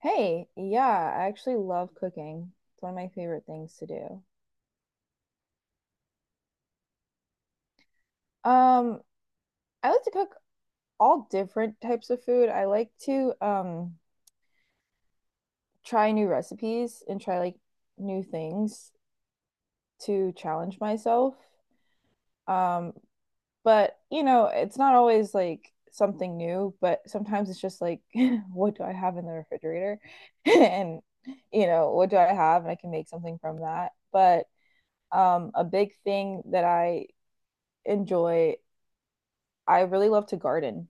Hey, yeah, I actually love cooking. It's one of my favorite things to do. Um, I like to cook all different types of food. I like to try new recipes and try like new things to challenge myself. Um, but you know, it's not always like something new, but sometimes it's just like what do I have in the refrigerator? And you know, what do I have? And I can make something from that. But a big thing that I enjoy I really love to garden.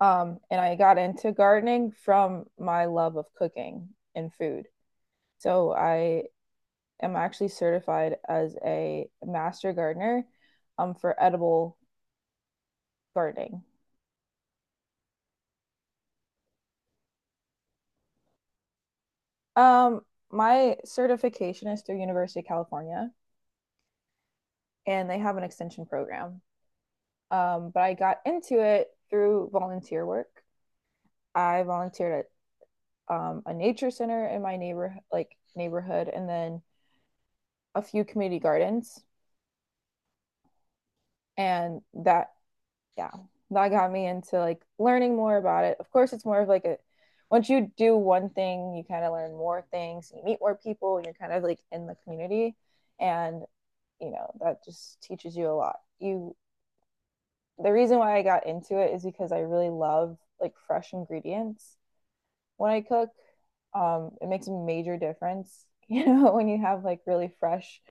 And I got into gardening from my love of cooking and food. So I am actually certified as a master gardener for edible gardening. Um, my certification is through University of California, and they have an extension program. But I got into it through volunteer work. I volunteered at a nature center in my neighborhood, and then a few community gardens. And that Yeah, that got me into like learning more about it. Of course, it's more of like a once you do one thing, you kind of learn more things, you meet more people, and you're kind of like in the community. And you know, that just teaches you a lot you The reason why I got into it is because I really love like fresh ingredients when I cook. It makes a major difference. You know, when you have like really fresh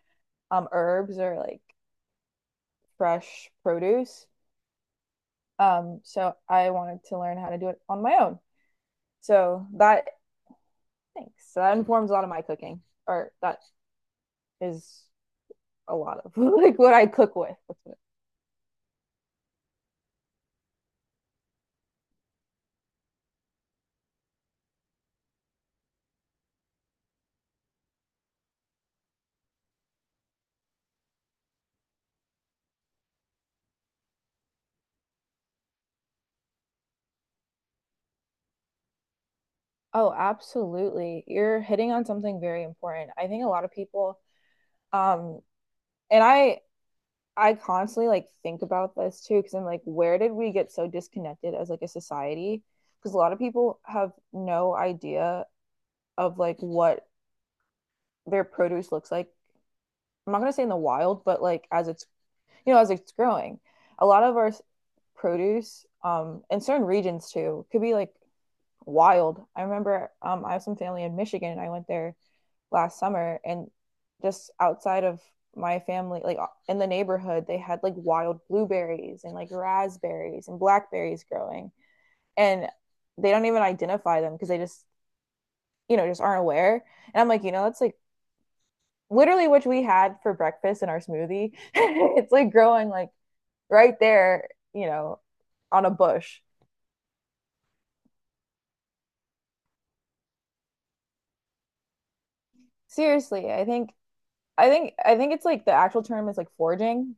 herbs or like fresh produce. So I wanted to learn how to do it on my own. So that thanks. So that informs a lot of my cooking, or that is a lot of like what I cook with. Oh, absolutely. You're hitting on something very important. I think a lot of people, um, and I constantly like think about this too, because I'm like, where did we get so disconnected as like a society? Because a lot of people have no idea of like what their produce looks like. I'm not gonna say in the wild, but like as it's you know, as it's growing. A lot of our produce, in certain regions too, could be like wild. I remember I have some family in Michigan, and I went there last summer, and just outside of my family, like in the neighborhood, they had like wild blueberries and like raspberries and blackberries growing, and they don't even identify them because they just you know just aren't aware. And I'm like, you know, that's like literally which we had for breakfast in our smoothie. It's like growing like right there, you know, on a bush. Seriously, I think it's like the actual term is like foraging,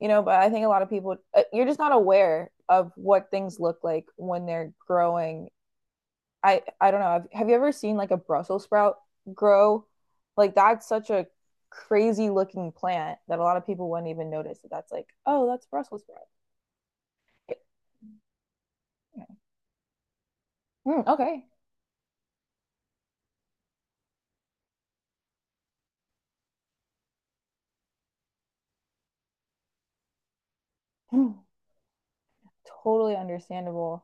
you know, but I think a lot of people you're just not aware of what things look like when they're growing. I don't know. Have you ever seen like a Brussels sprout grow? Like that's such a crazy looking plant that a lot of people wouldn't even notice that that's like, oh, that's Brussels sprout. Mm, okay. Hmm. Totally understandable.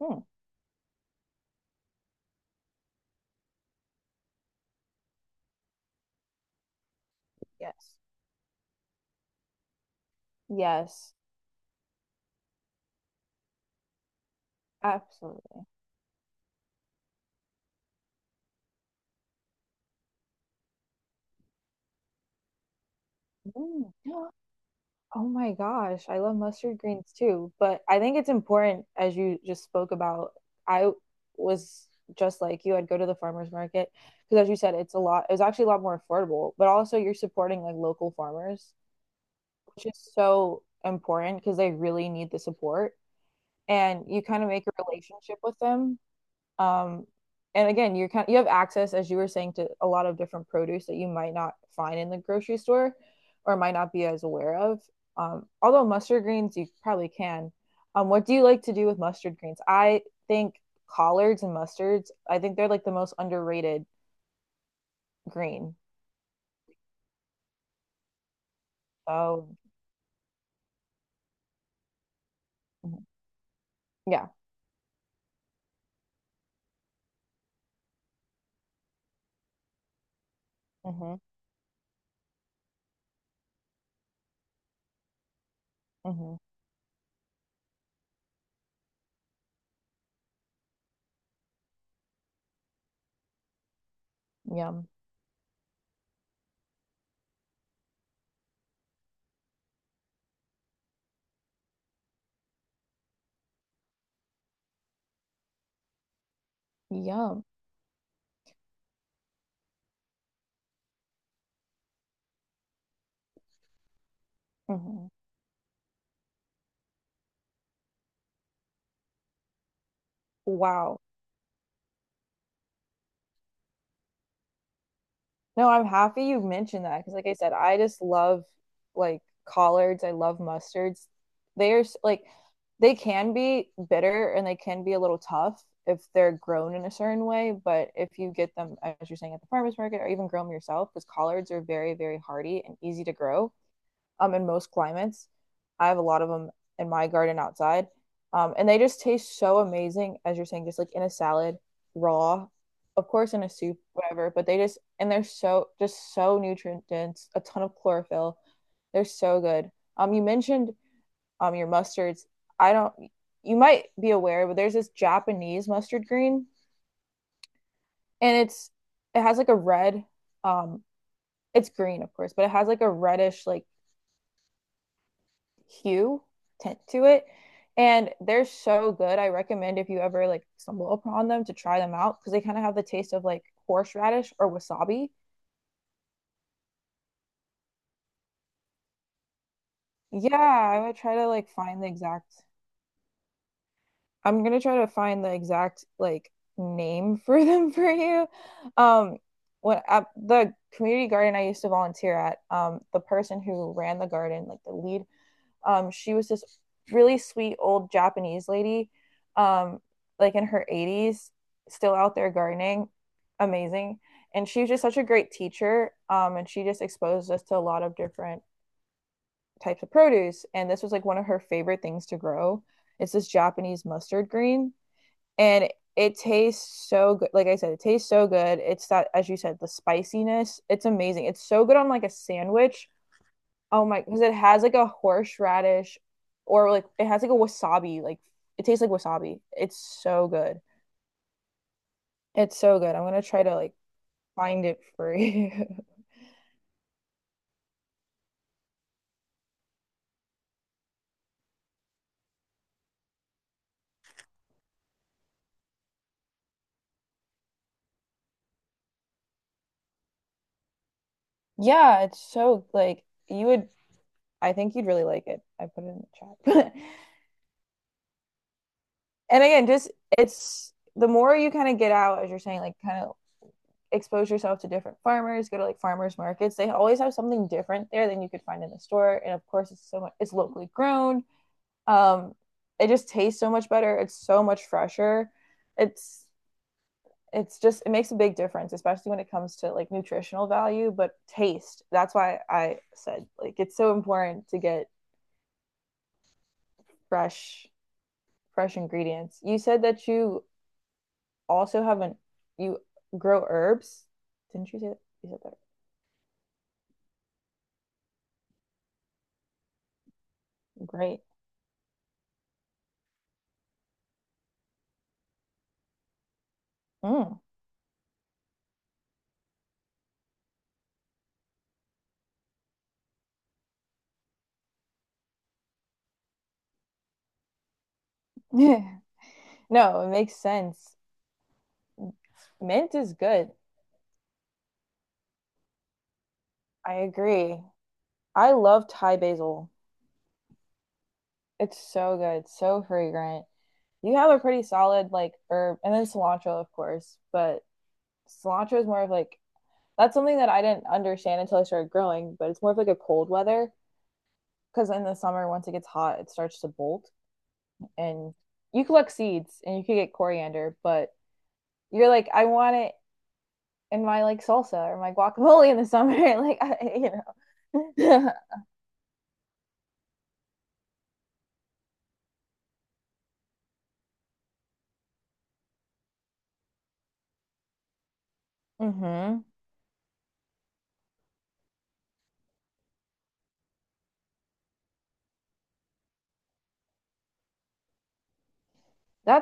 Mhm. Yes. Yes, absolutely. Mm. Oh my gosh, I love mustard greens too, but I think it's important as you just spoke about. I was just like you, I'd go to the farmers market because as you said, it's a lot, it's actually a lot more affordable, but also you're supporting like local farmers, which is so important because they really need the support and you kind of make a relationship with them. Um, and again, you're kind of, you have access, as you were saying, to a lot of different produce that you might not find in the grocery store or might not be as aware of. Although mustard greens, you probably can. What do you like to do with mustard greens? I think collards and mustards, I think they're like the most underrated green. Oh, yeah. Mm-hmm. Mm-hmm. Yum. Yum. Hmm. Wow. No, I'm happy you mentioned that because, like I said, I just love like collards. I love mustards. They are s- like they can be bitter and they can be a little tough if they're grown in a certain way. But if you get them, as you're saying, at the farmers market or even grow them yourself, because collards are very, very hardy and easy to grow in most climates. I have a lot of them in my garden outside. And they just taste so amazing, as you're saying, just like in a salad, raw, of course, in a soup, whatever. But they just, and they're so, just so nutrient dense, a ton of chlorophyll. They're so good. You mentioned your mustards. I don't, you might be aware, but there's this Japanese mustard green, and it's, it has like a red, um, it's green, of course, but it has like a reddish, like hue tint to it, and they're so good. I recommend if you ever like stumble upon them to try them out, because they kind of have the taste of like horseradish or wasabi. Yeah, I would try to like find the exact I'm gonna try to find the exact like name for them for you. um when at the community garden I used to volunteer at the person who ran the garden like the lead. She was this really sweet old Japanese lady, um, like in her 80s, still out there gardening. Amazing. And she was just such a great teacher. And she just exposed us to a lot of different types of produce. And this was like one of her favorite things to grow. It's this Japanese mustard green. And it tastes so good. Like I said, it tastes so good. It's that, as you said, the spiciness. It's amazing. It's so good on like a sandwich. Oh my, because it has like a horseradish or like it has like a wasabi. Like it tastes like wasabi. It's so good. It's so good. I'm gonna try to like find it for you. Yeah, it's so like you would I think you'd really like it. I put it in the chat. And again, just it's the more you kind of get out, as you're saying, like kind of expose yourself to different farmers, go to like farmers markets. They always have something different there than you could find in the store. And of course, it's so much, it's locally grown. Um, it just tastes so much better. It's so much fresher. It's it's just it makes a big difference, especially when it comes to like nutritional value, but taste. That's why I said like it's so important to get fresh fresh ingredients. You said that you also haven't you grow herbs. Didn't you say that? You said that. Great. Mm. No, it makes sense. Mint is good. I agree. I love Thai basil. It's so good, so fragrant. You have a pretty solid like herb and then cilantro of course but cilantro is more of like that's something that I didn't understand until I started growing, but it's more of like a cold weather because in the summer once it gets hot it starts to bolt. And you collect seeds and you could get coriander, but you're like I want it in my like salsa or my guacamole in the summer. Like I, you know. Mm-hmm. That